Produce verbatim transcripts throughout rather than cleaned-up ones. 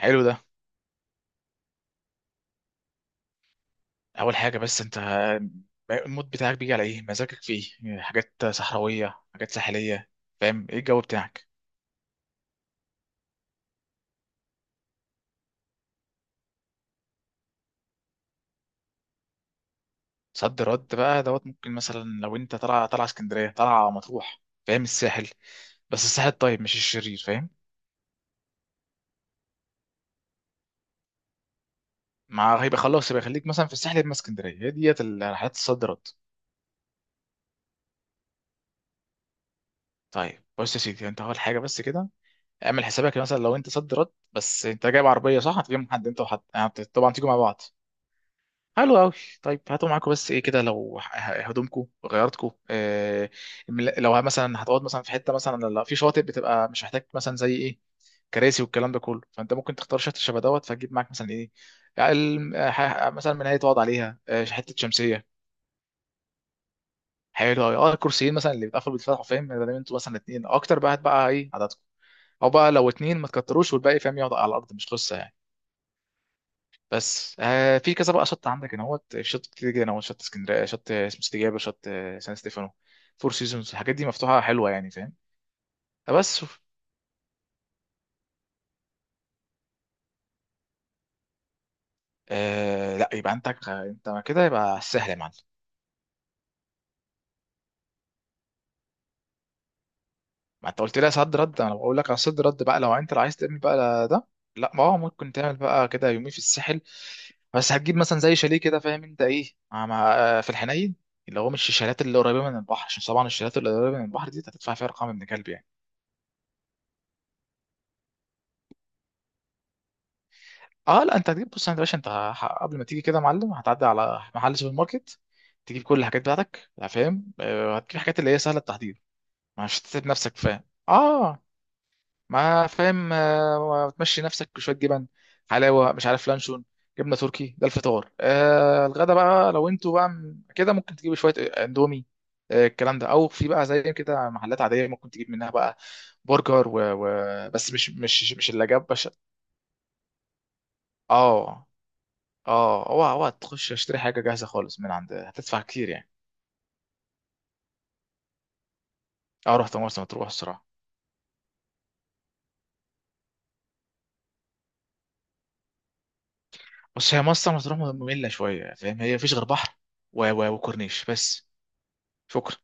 حلو ده. اول حاجه بس انت المود بتاعك بيجي على ايه؟ مزاجك في ايه؟ يعني حاجات صحراويه، حاجات ساحليه، فاهم ايه الجو بتاعك؟ صد رد بقى دوت، ممكن مثلا لو انت طالع طالع اسكندريه طالع مطروح، فاهم؟ الساحل، بس الساحل الطيب مش الشرير، فاهم؟ مع هيبقى خلاص، يبقى خليك مثلا في الساحل يا اما اسكندريه. هي ديت الرحلات الصد رد. طيب بص يا سيدي، انت اول حاجه بس كده اعمل حسابك، مثلا لو انت صد رد، بس انت جايب عربيه صح؟ هتجيب حد؟ انت وحد يعني. طبعا تيجوا مع بعض. حلو قوي. طيب هاتوا معاكم بس ايه كده، لو ه- ه- هدومكم غيرتكم، آه. المل- لو مثلا هتقعد مثلا في حته، مثلا لا في شاطئ، بتبقى مش محتاج مثلا زي ايه؟ كراسي والكلام ده كله، فانت ممكن تختار شاطئ شبه دوت، فتجيب معاك مثلا ايه؟ يعني الم- آه، ح- آه، مثلا منايه تقعد عليها، آه، حته شمسيه. حلو قوي. اه، الكرسيين مثلا اللي بيتقفلوا بيتفتحوا، فاهم؟ ده ده انتوا مثلا اتنين اكتر بقى، هات بقى ايه عددكم؟ او بقى لو اتنين ما تكتروش، والباقي فاهم يقعد على الارض، مش قصه يعني. بس آه في كذا بقى شط عندك هنا، هوت، شط كتير جدا، هو شط اسكندريه، شط اسمه استجابه، شط آه، سان ستيفانو، فور سيزونز، الحاجات دي مفتوحه حلوه يعني، فاهم؟ فبس، آه لا، يبقى عندك، آه، انت كده يبقى سهل يا معلم. ما انت قلت لي صد رد، انا بقول لك على صد رد بقى، لو انت عايز تعمل بقى ده. لا، ما هو ممكن تعمل بقى كده يومين في الساحل. بس هتجيب مثلا زي شاليه كده، فاهم انت ايه؟ مع مع- آه، في الحنين، اللي هو مش الشاليهات اللي قريبه من البحر، عشان طبعا الشاليهات اللي قريبه من البحر دي هتدفع فيها ارقام ابن كلب يعني. اه، لا، انت هتجيب، بص انت يا باشا، انت ه- قبل ما تيجي كده يا معلم، هتعدي على محل سوبر ماركت، تجيب كل الحاجات بتاعتك، لا فاهم، آه، هتجيب حاجات اللي هي سهله التحضير، مش هتسيب نفسك، فاهم؟ اه، ما فاهم، آه، تمشي نفسك بشويه جبن، حلاوه، مش عارف، لانشون، جبنه تركي، ده الفطار. آه الغدا بقى لو انتوا بقى م- كده، ممكن تجيبوا شويه آه، اندومي، آه، الكلام ده، او في بقى زي كده محلات عاديه ممكن تجيب منها بقى، برجر و... و... بس مش مش مش اللي جاب باشا. اه، اه، اوعى اوعى تخش اشتري حاجه جاهزه خالص من عند، هتدفع كتير يعني. اه، رحت مرسى مطروح الصراحه. بس هي مرسى مطروح ممله شويه، فاهم؟ هي مفيش غير بحر و... و... وكورنيش بس. شكرا.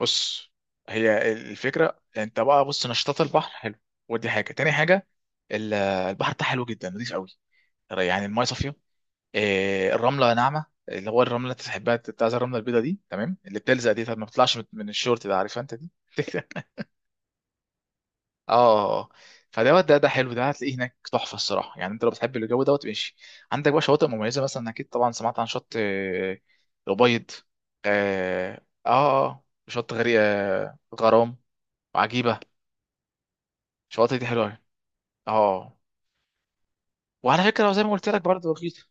بص، هي الفكره انت بقى، بص نشاطات البحر حلو، ودي حاجه. تاني حاجه، ال- البحر بتاعها حلو جدا، نضيف قوي، يعني المايه صافيه. آه، الرمله ناعمه، اللي هو الرمله اللي انت تحبها، بتاع زي الرمله البيضاء دي، تمام اللي بتلزق دي، طب ما بتطلعش من من الشورت ده، عارفها انت دي؟ اه، آه، آه. فدوت ده ده حلو، ده هتلاقيه هناك تحفه الصراحه يعني، انت لو بتحب الجو دوت ماشي. عندك بقى شواطئ مميزه، مثلا اكيد طبعا سمعت عن شط آه، الأبيض. اه، اه، آه، شط غري آه، غرام، وعجيبه. الشواطئ دي حلوه أوي. اه، وعلى فكره زي ما قلت لك برضه رخيص.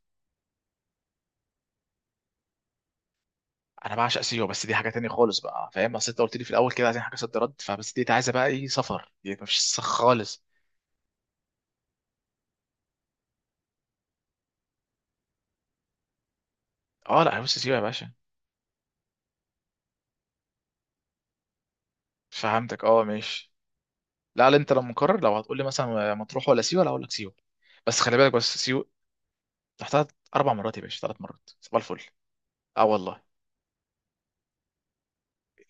انا بعشق سيوه، بس دي حاجه تانية خالص بقى، فاهم، اصل انت قلت لي في الاول كده عايزين حاجه صد رد، فبس دي عايزه بقى ايه سفر، دي مفيش سخ خالص. اه، لا، بص سيوه يا باشا، فهمتك، اه، ماشي. لا، لا، انت لو مكرر، لو هتقول لي مثلا مطروح ولا سيوه، لا اقول لك سيوه. بس خلي بالك، بس سيوه رحتها اربع مرات يا باشا، ثلاث مرات، صباح الفل. اه والله.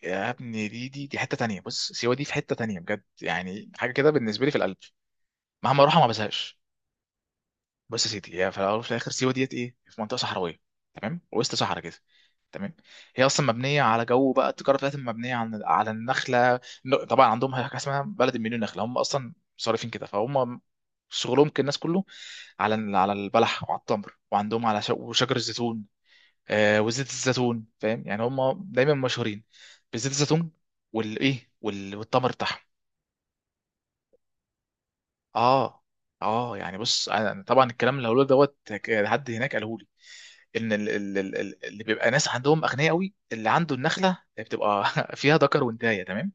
يا ابني، دي دي دي حته تانية، بص سيوه دي في حته تانية بجد، يعني حاجه كده بالنسبه لي في القلب، مهما اروحها ما بزهقش. بص يا سيدي، هي في الاول وفي الاخر سيوه ديت ايه في منطقه صحراويه، تمام، وسط صحراء كده، تمام. هي اصلا مبنيه على جو بقى، التجاره بتاعتهم مبنيه على على النخله. ن- طبعا عندهم حاجه اسمها بلد مليون نخله، هم اصلا صارفين كده، فهم شغلهم كالناس كله، على ال- على البلح وعلى التمر، وعندهم على ش- وشجر الزيتون. آه وزيت الزيتون، فاهم، يعني هم دايما مشهورين بزيت الزيتون، والايه وال- والتمر بتاعهم. اه، اه، يعني بص أنا- طبعا الكلام اللي هقوله دوت، ك- حد هناك قاله لي ان ال- ال- ال- ال- اللي بيبقى ناس عندهم اغنياء قوي، اللي عنده النخله بتبقى فيها ذكر وانثى، تمام.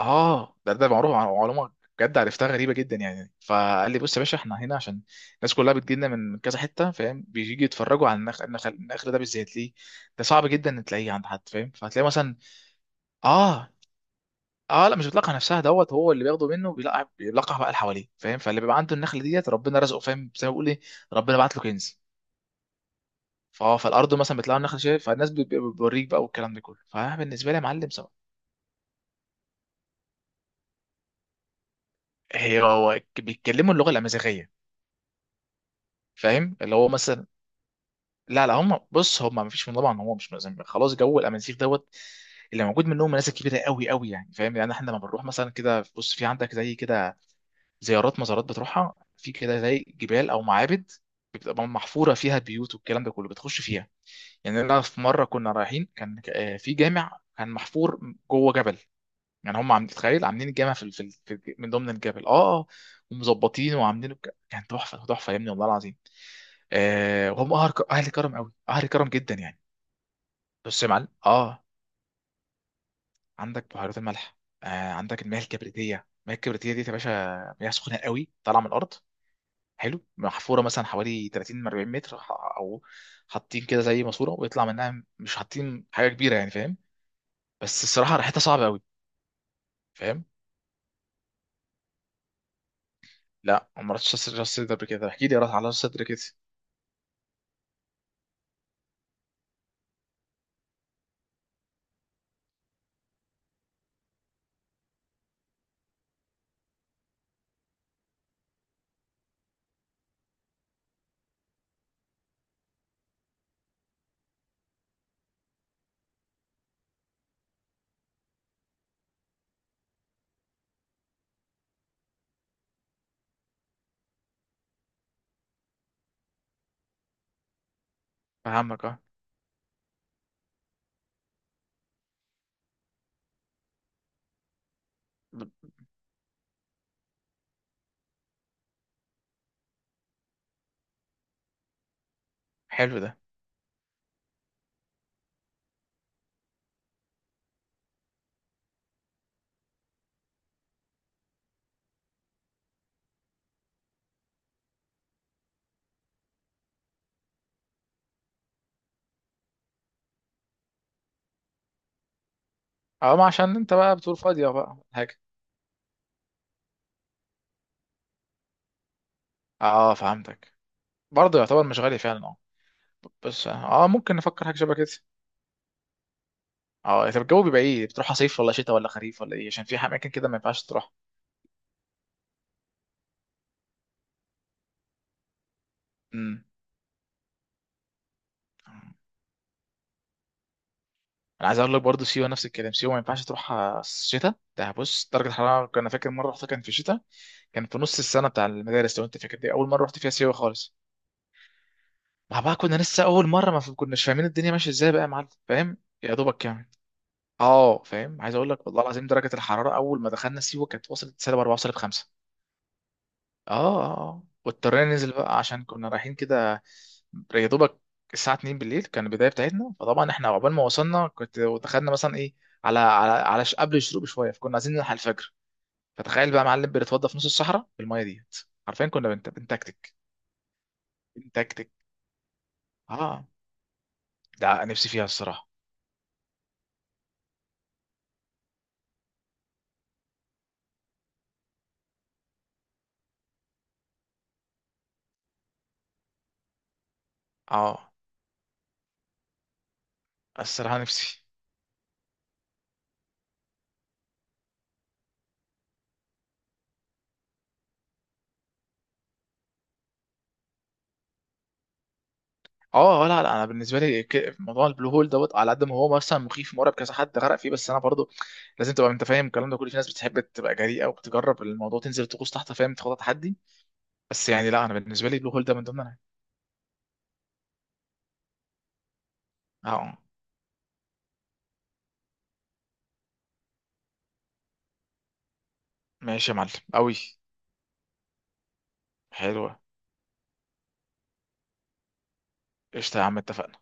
اه، ده ده معروف، عن معلومه. بجد عرفتها غريبه جدا يعني. فقال لي بص يا باشا، احنا هنا عشان الناس كلها بتجي لنا من من كذا حته، فاهم، بيجي يتفرجوا على النخل. النخل, النخل ده بالذات ليه؟ ده صعب جدا ان تلاقيه عند حد، فاهم، فهتلاقي مثلا. اه، اه، لا، مش بتلقح نفسها دوت، هو اللي بياخده منه بيلقح، بيلقح بقى اللي حواليه فاهم، فاللي بيبقى عنده النخله ديت ربنا رزقه، فاهم، زي ما بيقول ايه، ربنا بعت له كنز. فاه فالارض مثلا بتلاقي النخله، شايف، فالناس بت- بتوريك بقى والكلام ده كله، فانا بالنسبه لي يا معلم سواء. هي، هو ك- بيتكلموا اللغه الامازيغيه، فاهم؟ اللي هو مثلا، لا، لا، هم، بص هم ما فيش من، طبعا هم مش مزم- خلاص جو الامازيغ دوت، اللي موجود منهم ناس كبيره قوي قوي يعني، فاهم، يعني احنا لما بنروح مثلا كده، بص في عندك زي كده زيارات، مزارات بتروحها في كده زي جبال او معابد، بتبقى محفوره فيها بيوت والكلام ده كله، بتخش فيها. يعني انا في مره كنا رايحين، كان آه، في جامع كان محفور جوه جبل، يعني هم عاملين، تخيل، عاملين الجامع في, ال- في, ال- في الج- من ضمن الجبل. اه، آه. ومظبطين وعاملينه بك- كان تحفه تحفه يا ابني، والله العظيم. آه وهم اهل ك- اهل كرم قوي، اهل كرم جدا يعني. بص يا معلم، اه، عندك بحيرات الملح، آه عندك المياه الكبريتيه. المياه الكبريتيه دي يا باشا مياه سخنه قوي طالعه من الارض. حلو، محفوره مثلا حوالي ثلاثين اربعين متر، ح- او حاطين كده زي ماسوره ويطلع منها، مش حاطين حاجه كبيره يعني، فاهم. بس الصراحه ريحتها صعبه قوي، فاهم. لا، ما رحتش راس راس صدر قبل كده، احكي لي راس، على راس صدر كده. فهمك، اه. حلو ده. اه، ما عشان انت بقى بتقول فاضية بقى حاجة. اه، فهمتك. برضه يعتبر مش غالي فعلا، اه. بس اه، ممكن نفكر حاجة شبه كده. اه، طب الجو بيبقى ايه؟ بتروح صيف ولا شتاء ولا خريف ولا ايه؟ عشان في اماكن كده ما ينفعش تروح. امم انا عايز اقول لك برضه سيوة نفس الكلام، سيوة ما ينفعش تروح شتاء. ده بص درجة الحرارة، كنا فاكر مرة رحتها كان في شتاء، كان في نص السنة بتاع المدارس، لو انت فاكر، دي اول مرة رحت فيها سيوة خالص، ما بقى كنا لسه اول مرة، ما كناش فاهمين الدنيا ماشية ازاي بقى يا معلم، فاهم، يا دوبك كام. اه فاهم، عايز اقول لك والله العظيم، درجه الحراره اول ما دخلنا سيوه كانت وصلت سالب اربعة وسالب خمسة. اه، اه، اه، واضطرينا ننزل بقى عشان كنا رايحين كده، يا دوبك. الساعه اثنين بالليل كان البدايه بتاعتنا، فطبعا احنا عقبال ما وصلنا، كنت ودخلنا مثلا ايه على على على ش- قبل الشروق بشويه، فكنا عايزين نلحق الفجر. فتخيل بقى معلم، بنتوضى في نص الصحراء بالميه ديت، عارفين كنا بنت... بنتكتك. بنتكتك. اه، ده نفسي فيها الصراحه. اه، الصراحه نفسي. اه، آه، لا، لا، انا بالنسبه لي ك- موضوع البلو هول دوت، على قد ما هو مثلا مخيف مرعب، كذا حد غرق فيه، بس انا برضو لازم تبقى انت فاهم الكلام ده كله، في ناس بتحب تبقى جريئه وبتجرب الموضوع، تنزل تغوص تحت فاهم، تاخد تحدي. بس يعني لا، انا بالنسبه لي البلو هول ده من ضمن انا. اه ماشي يا معلم قوي، حلوه، قشطه يا عم، اتفقنا.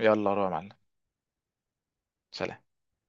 يلا روح يا معلم. سلام.